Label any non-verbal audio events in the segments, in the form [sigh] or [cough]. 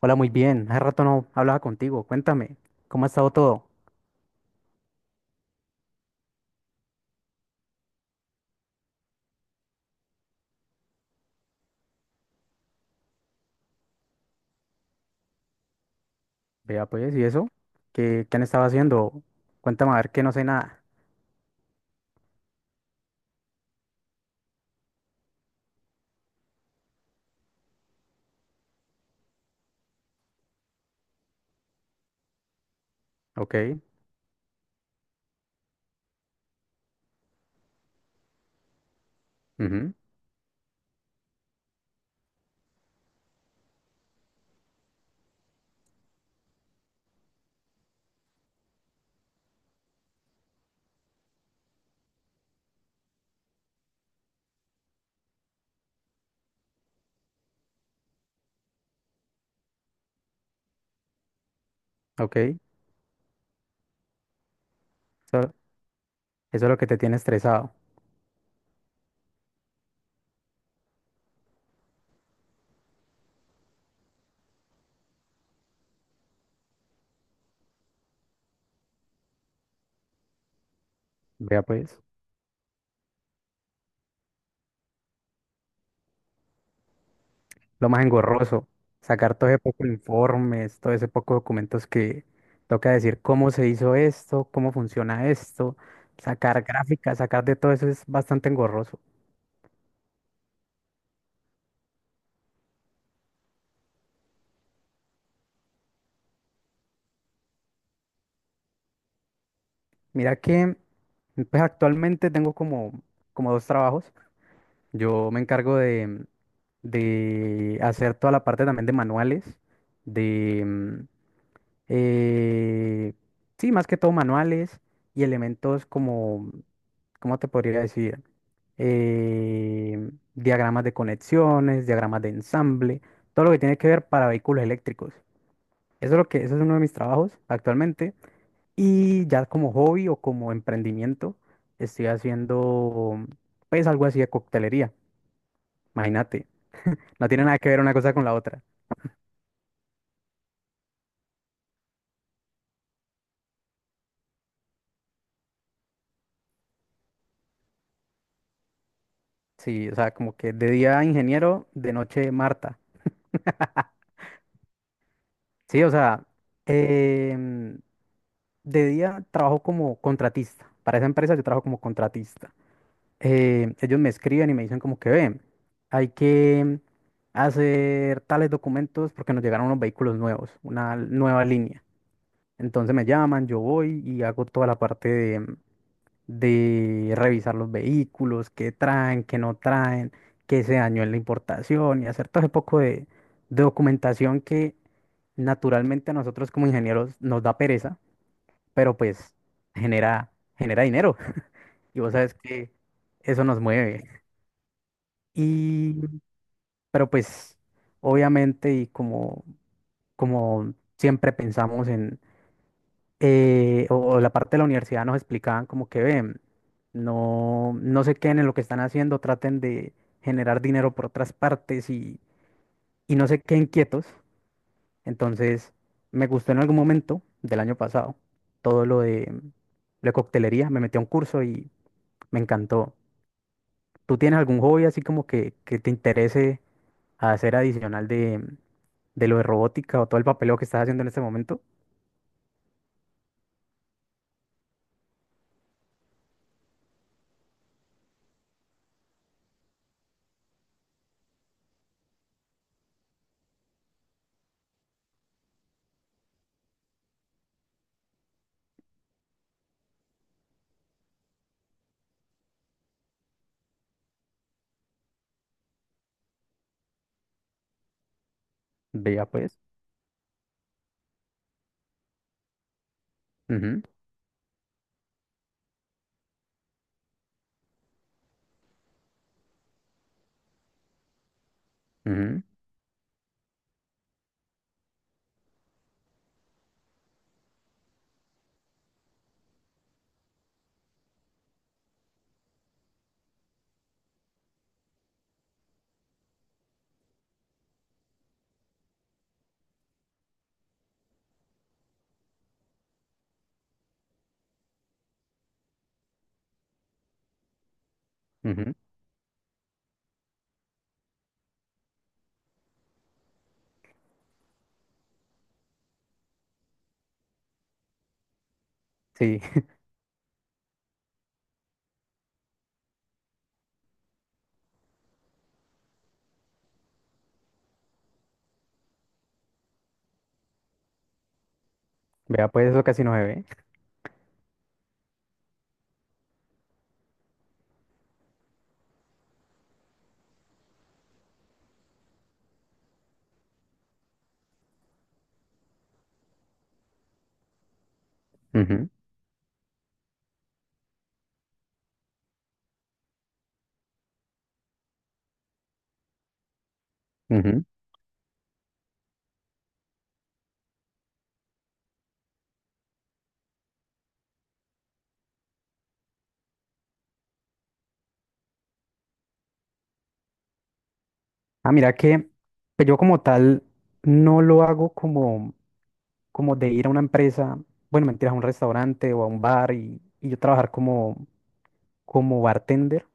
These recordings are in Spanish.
Hola, muy bien. Hace rato no hablaba contigo. Cuéntame, ¿cómo ha estado todo? Vea, pues, ¿y eso? ¿Qué han estado haciendo? Cuéntame, a ver, que no sé nada. Ok, ujú, ok. Eso es lo que te tiene estresado. Vea, pues, lo más engorroso. Sacar todo ese poco de informes, todo ese poco de documentos que toca decir cómo se hizo esto, cómo funciona esto. Sacar gráficas, sacar de todo eso es bastante engorroso. Mira que, pues, actualmente tengo como dos trabajos. Yo me encargo de hacer toda la parte también de manuales, de, eh, sí, más que todo manuales y elementos como, ¿cómo te podría decir? Diagramas de conexiones, diagramas de ensamble, todo lo que tiene que ver para vehículos eléctricos. Eso es lo que, eso es uno de mis trabajos actualmente. Y ya como hobby o como emprendimiento, estoy haciendo pues algo así de coctelería, imagínate. No tiene nada que ver una cosa con la otra. Sí, o sea, como que de día ingeniero, de noche Marta. Sí, o sea, em, de día trabajo como contratista. Para esa empresa yo trabajo como contratista. Ellos me escriben y me dicen como que ven, hay que hacer tales documentos porque nos llegaron unos vehículos nuevos, una nueva línea. Entonces me llaman, yo voy y hago toda la parte de revisar los vehículos, qué traen, qué no traen, qué se dañó en la importación y hacer todo ese poco de documentación que naturalmente a nosotros como ingenieros nos da pereza, pero pues genera, genera dinero [laughs] y vos sabes que eso nos mueve. Y, pero pues obviamente y como siempre pensamos en o la parte de la universidad nos explicaban como que ven, no, no se queden en lo que están haciendo, traten de generar dinero por otras partes y no se queden quietos. Entonces, me gustó en algún momento del año pasado todo lo de la coctelería, me metí a un curso y me encantó. ¿Tú tienes algún hobby así como que te interese hacer adicional de lo de robótica o todo el papeleo que estás haciendo en este momento? Vea pues. Ujú, ujú, ujú. Sí. Vea, pues eso casi no se ve. Ujú, ujú. Ah, mira que pues, yo como tal no lo hago como de ir a una empresa, bueno, mentira, a un restaurante o a un bar y yo trabajar como bartender,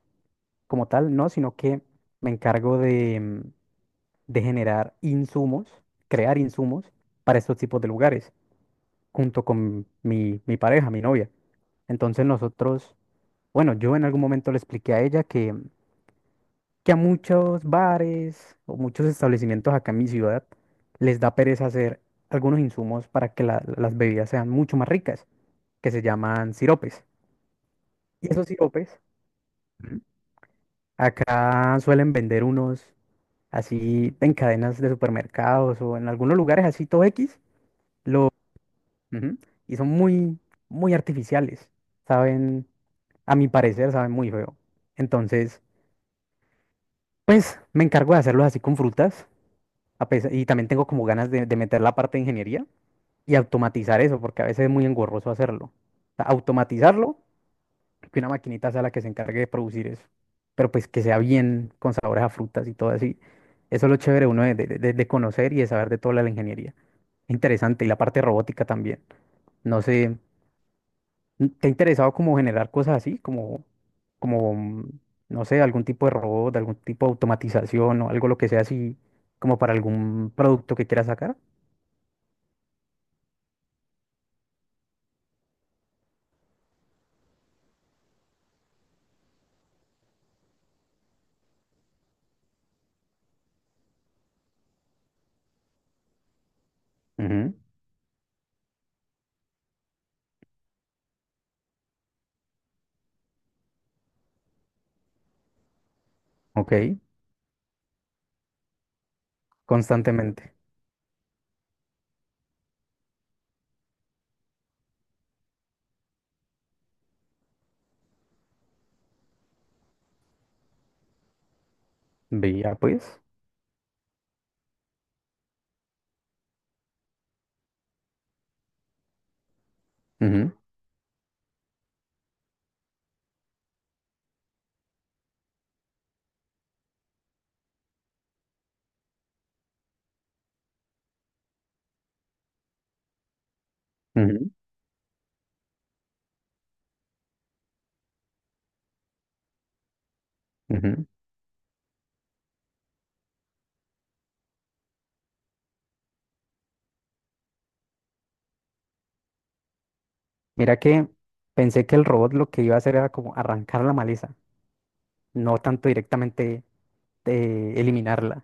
como tal, no, sino que me encargo de, de generar insumos, crear insumos para estos tipos de lugares, junto con mi pareja, mi novia. Entonces nosotros, bueno, yo en algún momento le expliqué a ella que a muchos bares o muchos establecimientos acá en mi ciudad les da pereza hacer algunos insumos para que las bebidas sean mucho más ricas, que se llaman siropes. Y esos siropes, ujú, acá suelen vender unos así en cadenas de supermercados o en algunos lugares así todo X, lo, ujú, y son muy, muy artificiales, saben, a mi parecer, saben muy feo. Entonces, pues me encargo de hacerlos así con frutas. Y también tengo como ganas de meter la parte de ingeniería y automatizar eso, porque a veces es muy engorroso hacerlo. O sea, automatizarlo, que una maquinita sea la que se encargue de producir eso. Pero pues que sea bien con sabores a frutas y todo así. Eso es lo chévere uno de conocer y de saber de toda la ingeniería. Interesante. Y la parte robótica también. No sé, ¿te ha interesado como generar cosas así? Como, mm, no sé, algún tipo de robot, algún tipo de automatización o algo lo que sea así, como para algún producto que quieras sacar. Ujú. Ok, constantemente. Veía, pues. Ujú, ujú, ujú. Mira que pensé que el robot lo que iba a hacer era como arrancar la maleza, no tanto directamente eliminarla.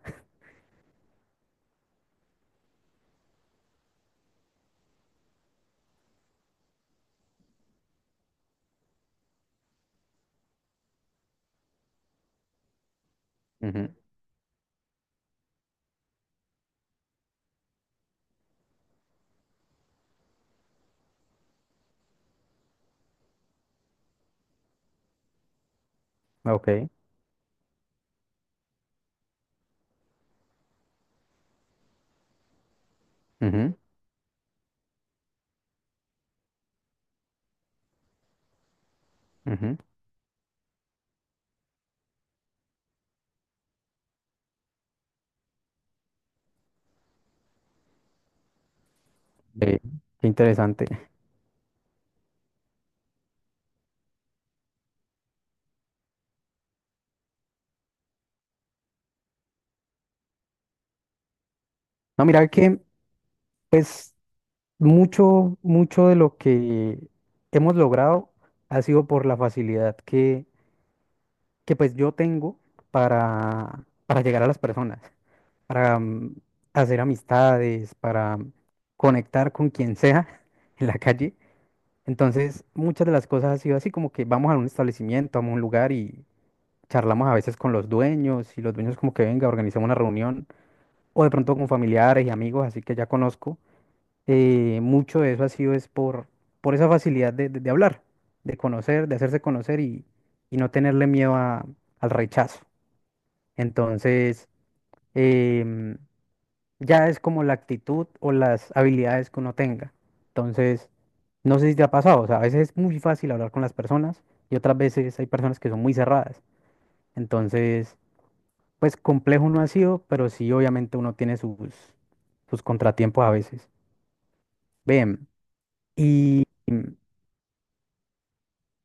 [laughs] Ujú, ok, ujú, ujú. Ve, qué interesante. No, mira que, pues, mucho, mucho de lo que hemos logrado ha sido por la facilidad que pues yo tengo para llegar a las personas, para hacer amistades, para conectar con quien sea [laughs] en la calle. Entonces, muchas de las cosas ha sido así como que vamos a un establecimiento, vamos a un lugar y charlamos a veces con los dueños y los dueños como que venga, organizamos una reunión o de pronto con familiares y amigos, así que ya conozco. Mucho de eso ha sido es por esa facilidad de hablar, de conocer, de hacerse conocer y no tenerle miedo al rechazo. Entonces, em, ya es como la actitud o las habilidades que uno tenga. Entonces, no sé si te ha pasado, o sea, a veces es muy fácil hablar con las personas y otras veces hay personas que son muy cerradas. Entonces, pues complejo no ha sido, pero sí obviamente uno tiene sus contratiempos a veces. Bien, y em,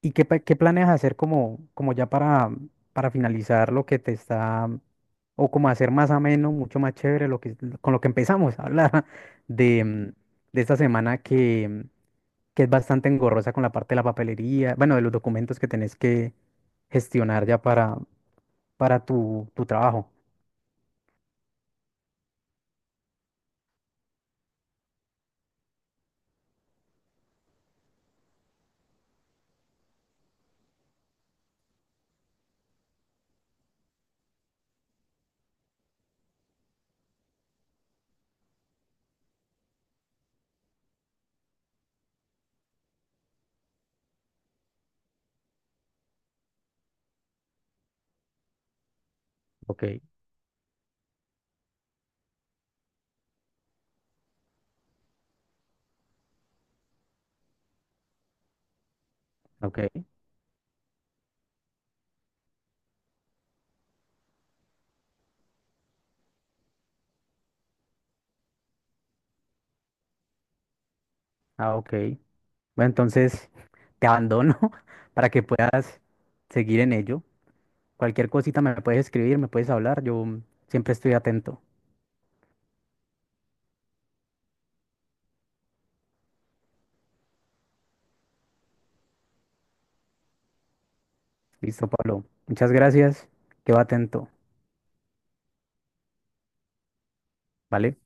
¿Y qué planeas hacer como ya para finalizar lo que te está, o como hacer más ameno, mucho más chévere lo que, con lo que empezamos a hablar [laughs] de, mm, de esta semana que es bastante engorrosa con la parte de la papelería, bueno, de los documentos que tenés que gestionar ya para tu trabajo? Ok, ok, ah, ok. Bueno, entonces [laughs] te abandono [laughs] para que puedas seguir en ello. Cualquier cosita me puedes escribir, me puedes hablar, yo siempre estoy atento. Listo, Pablo. Muchas gracias, quedo atento, ¿vale?